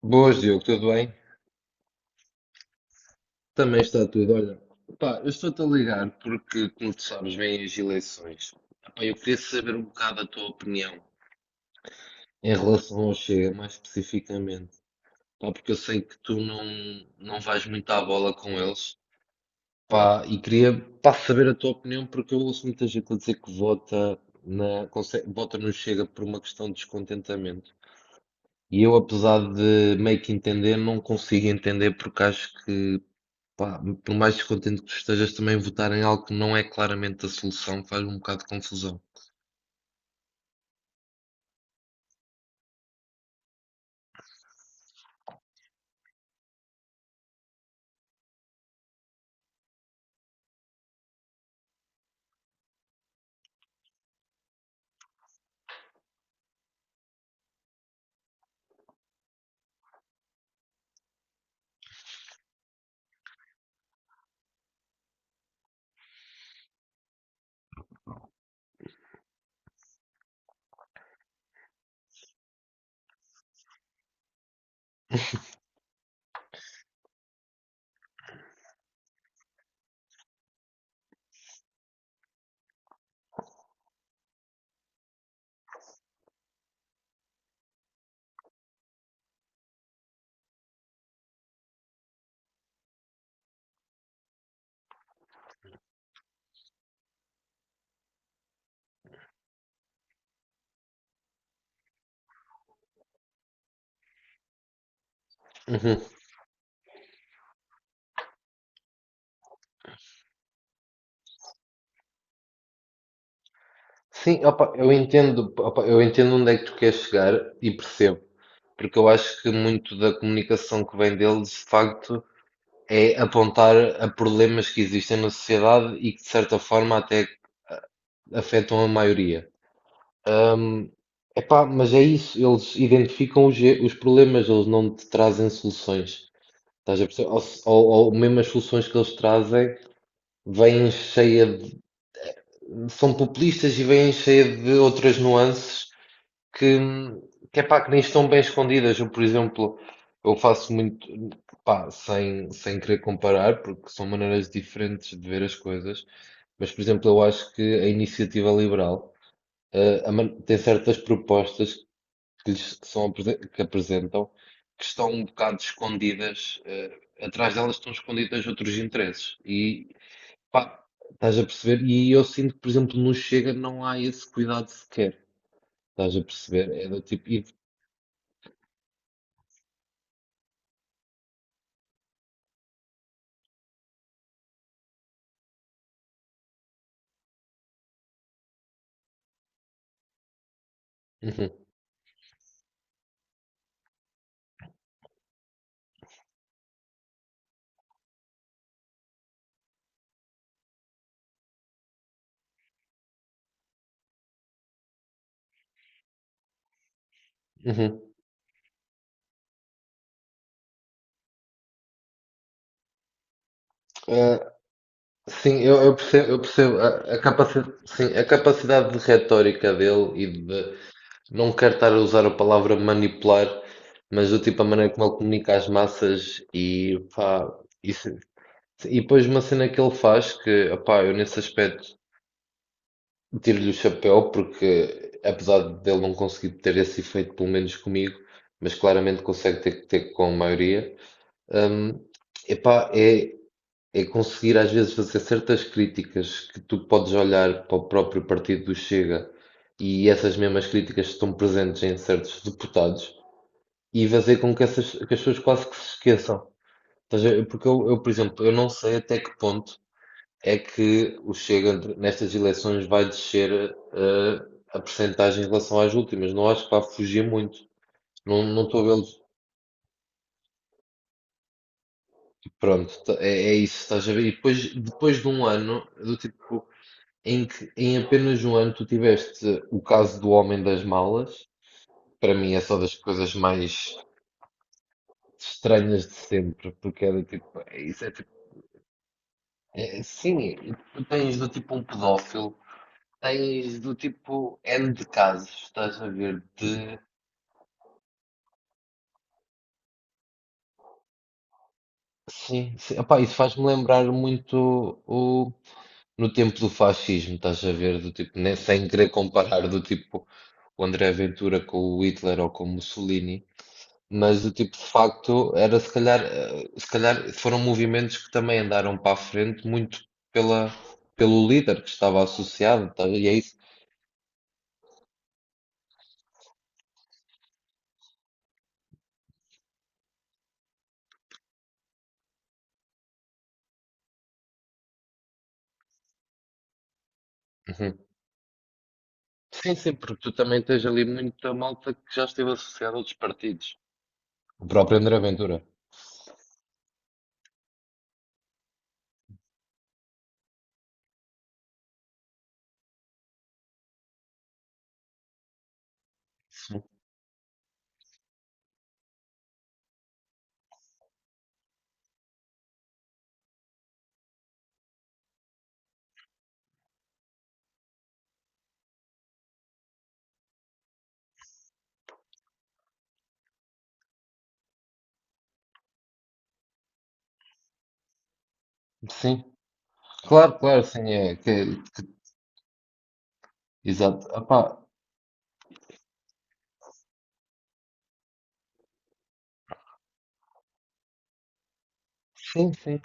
Boas, Diogo, tudo bem? Também está tudo. Olha, pá, eu estou-te a ligar porque, como tu sabes, vêm as eleições. Pá, eu queria saber um bocado a tua opinião em relação ao Chega, mais especificamente. Pá, porque eu sei que tu não vais muito à bola com eles. Pá, e queria, pá, saber a tua opinião porque eu ouço muita gente a dizer que vota no Chega por uma questão de descontentamento. E eu, apesar de meio que entender, não consigo entender porque acho que, pá, por mais descontente que tu estejas, também votar em algo que não é claramente a solução faz um bocado de confusão. Uhum. Sim, opa, eu entendo onde é que tu queres chegar e percebo, porque eu acho que muito da comunicação que vem deles, de facto, é apontar a problemas que existem na sociedade e que, de certa forma, até afetam a maioria. Epá, mas é isso, eles identificam os problemas, eles não te trazem soluções. Estás a perceber? Ou, se- ou mesmo as soluções que eles trazem vem cheia de, são populistas e vêm cheia de outras nuances que, que é pá, que nem estão bem escondidas. Eu, por exemplo, eu faço muito, pá, sem querer comparar, porque são maneiras diferentes de ver as coisas, mas, por exemplo, eu acho que a iniciativa liberal, tem certas propostas que apresentam que estão um bocado escondidas, eh, atrás delas estão escondidas outros interesses. E, pá, estás a perceber? E aí eu sinto que, por exemplo, no Chega não há esse cuidado sequer. Estás a perceber? É do tipo. Uhum, uhum. Ah, sim, eu percebo a capacidade, sim, a capacidade de retórica dele e de não quero estar a usar a palavra manipular, mas do tipo a maneira como ele comunica às massas e pá, isso, e depois uma cena que ele faz que, pá, eu nesse aspecto. Tiro-lhe o chapéu porque, apesar dele não conseguir ter esse efeito, pelo menos comigo, mas claramente consegue ter com a maioria, hum, epá, é conseguir às vezes fazer certas críticas que tu podes olhar para o próprio partido do Chega e essas mesmas críticas estão presentes em certos deputados e fazer com que, essas, que as pessoas quase que se esqueçam. Estás a ver? Porque eu, por exemplo, eu não sei até que ponto é que o Chega nestas eleições vai descer eh, a percentagem em relação às últimas. Não acho que vá fugir muito. Não estou a vê-los. Pronto, é, é isso, estás a ver? E depois, depois de um ano, do tipo, em que em apenas um ano tu tiveste o caso do Homem das Malas, para mim é só das coisas mais estranhas de sempre, porque é do tipo, é isso é tipo, é, sim, tu tens do tipo um pedófilo. Tens do tipo N de casos, estás a ver, de sim, sim. Epá, isso faz-me lembrar muito o, no tempo do fascismo, estás a ver, do tipo, né, sem querer comparar do tipo o André Ventura com o Hitler ou com o Mussolini, mas do tipo, de facto, era se calhar, eh, se calhar foram movimentos que também andaram para a frente muito pela, pelo líder que estava associado, tá, e é isso. Uhum. Sim, sim, porque tu também tens ali muita malta que já esteve associada a outros partidos. O próprio André Ventura. Sim, sim. Claro, claro, sim, é que exato. Epá, sim, sim.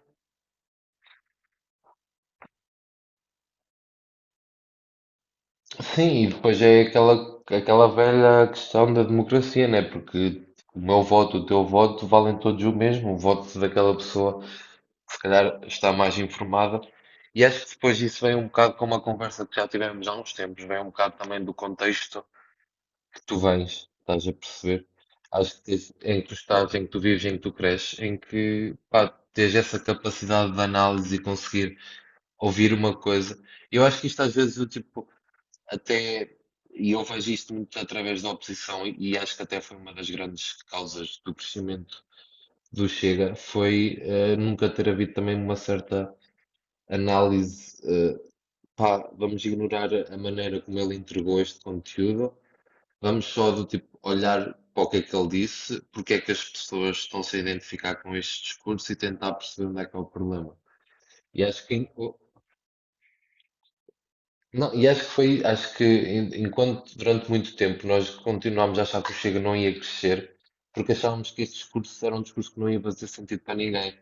Sim, e depois é aquela, aquela velha questão da democracia, né? Porque o meu voto, o teu voto, valem todos o mesmo. O voto daquela pessoa, que se calhar, está mais informada. E acho que depois disso vem um bocado com uma conversa que já tivemos há uns tempos, vem um bocado também do contexto que tu vens, estás a perceber? Acho que em que tu estás, em que tu vives, em que tu cresces, em que, pá, tens essa capacidade de análise e conseguir ouvir uma coisa. Eu acho que isto às vezes eu tipo até e eu vejo isto muito através da oposição e acho que até foi uma das grandes causas do crescimento do Chega foi eh, nunca ter havido também uma certa análise eh, pá, vamos ignorar a maneira como ele entregou este conteúdo, vamos só do tipo olhar para o que é que ele disse, porque é que as pessoas estão-se a identificar com este discurso e tentar perceber onde é que é o problema. E acho que não, e acho que foi, enquanto durante muito tempo nós continuámos a achar que o Chega não ia crescer, porque achávamos que esse discurso era um discurso que não ia fazer sentido para ninguém.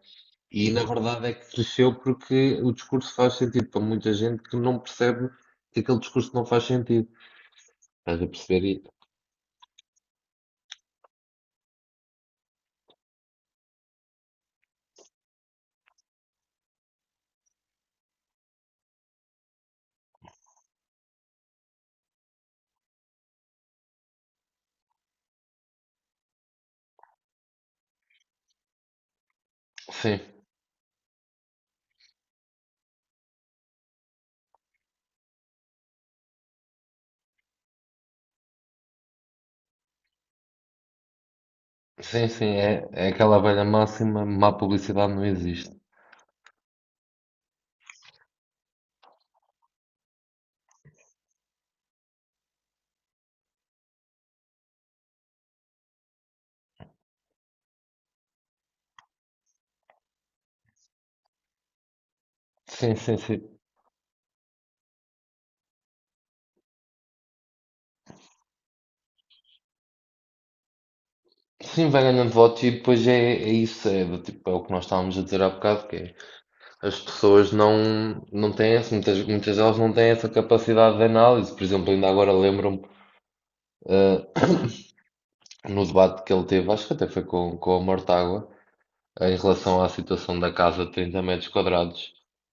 E na verdade é que cresceu porque o discurso faz sentido para muita gente que não percebe que aquele discurso não faz sentido. Estás a perceber? E, sim, sim, sim, é, é aquela velha máxima, má publicidade não existe. Sim, sim, sim. Sim, vai ganhando voto e depois é isso, é, do tipo, é o que nós estávamos a dizer há bocado, que é. As pessoas não têm essa, muitas, muitas delas não têm essa capacidade de análise. Por exemplo, ainda agora lembro-me, eh, no debate que ele teve, acho que até foi com a Mortágua, em relação à situação da casa de 30 metros quadrados.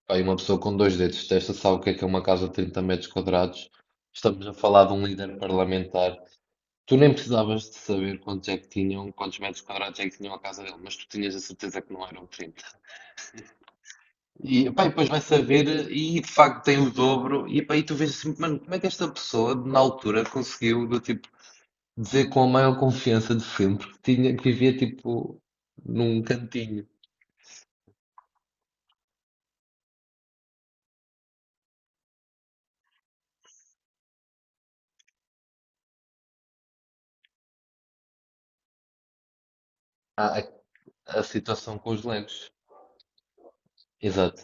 Aí uma pessoa com dois dedos de testa sabe o que é uma casa de 30 metros quadrados. Estamos a falar de um líder parlamentar. Tu nem precisavas de saber quantos é que tinham, quantos metros quadrados é que tinham a casa dele, mas tu tinhas a certeza que não eram 30. E, pá, e depois vai saber, e de facto tem o dobro, e, pá, e tu vês assim, mano, como é que esta pessoa, na altura, conseguiu, do tipo, dizer com a maior confiança de sempre que tinha, que vivia, tipo, num cantinho, a, a, a situação com os legos. Exato.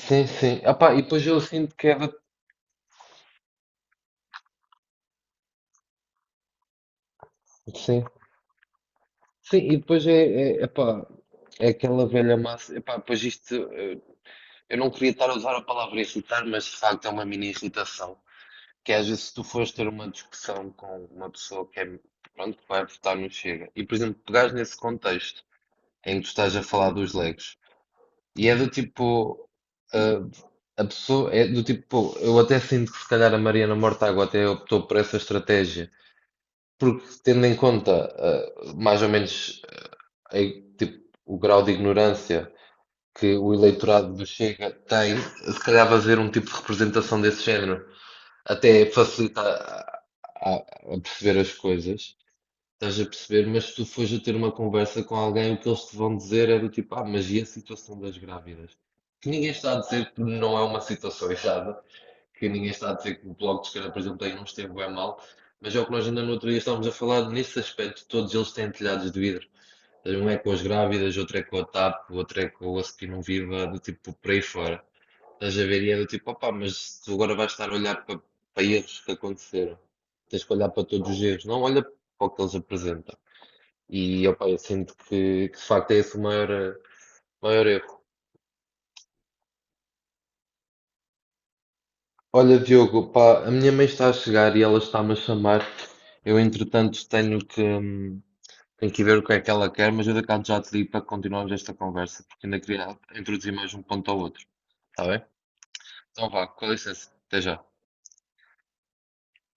Sim, sim. Ah, pá, e depois eu sinto que era, sim, sim, e depois epá, é aquela velha massa, epá, depois isto, eh, eu não queria estar a usar a palavra insultar, mas de facto é uma mini irritação. Que às vezes se tu fores ter uma discussão com uma pessoa que é, pronto, que vai votar no Chega, e por exemplo, pegares nesse contexto em que tu estás a falar dos legos, e é do tipo, ah, a pessoa, é do tipo, pô, eu até sinto que se calhar a Mariana Mortágua até optou por essa estratégia, porque tendo em conta, ah, mais ou menos, eh, tipo, o grau de ignorância que o eleitorado do Chega tem, se calhar fazer um tipo de representação desse género. Até facilita a perceber as coisas. Estás a perceber, mas se tu fores a ter uma conversa com alguém, o que eles te vão dizer é do tipo, ah, mas e a situação das grávidas? Que ninguém está a dizer que não é uma situação errada, que ninguém está a dizer que o Bloco de Esquerda, por exemplo, tem uns esteve bem mal, mas é o que nós ainda no outro dia estávamos a falar, nesse aspecto, todos eles têm telhados de vidro. Um é com as grávidas, outro é com a TAP, outro é com o Osso que não Viva, do tipo, por aí fora. Estás a ver e é do tipo, opá, mas tu agora vais estar a olhar para erros que aconteceram. Tens que olhar para todos os erros, não olha para o que eles apresentam. E opá, eu sinto que de facto é esse o maior, eh, maior erro. Olha, Diogo, pá, a minha mãe está a chegar e ela está-me a chamar. Eu, entretanto, tenho que ver o que é que ela quer, mas eu daqui a bocado já te digo para continuarmos esta conversa, porque ainda queria introduzir mais um ponto ao outro. Está bem? Então vá, com licença, até já.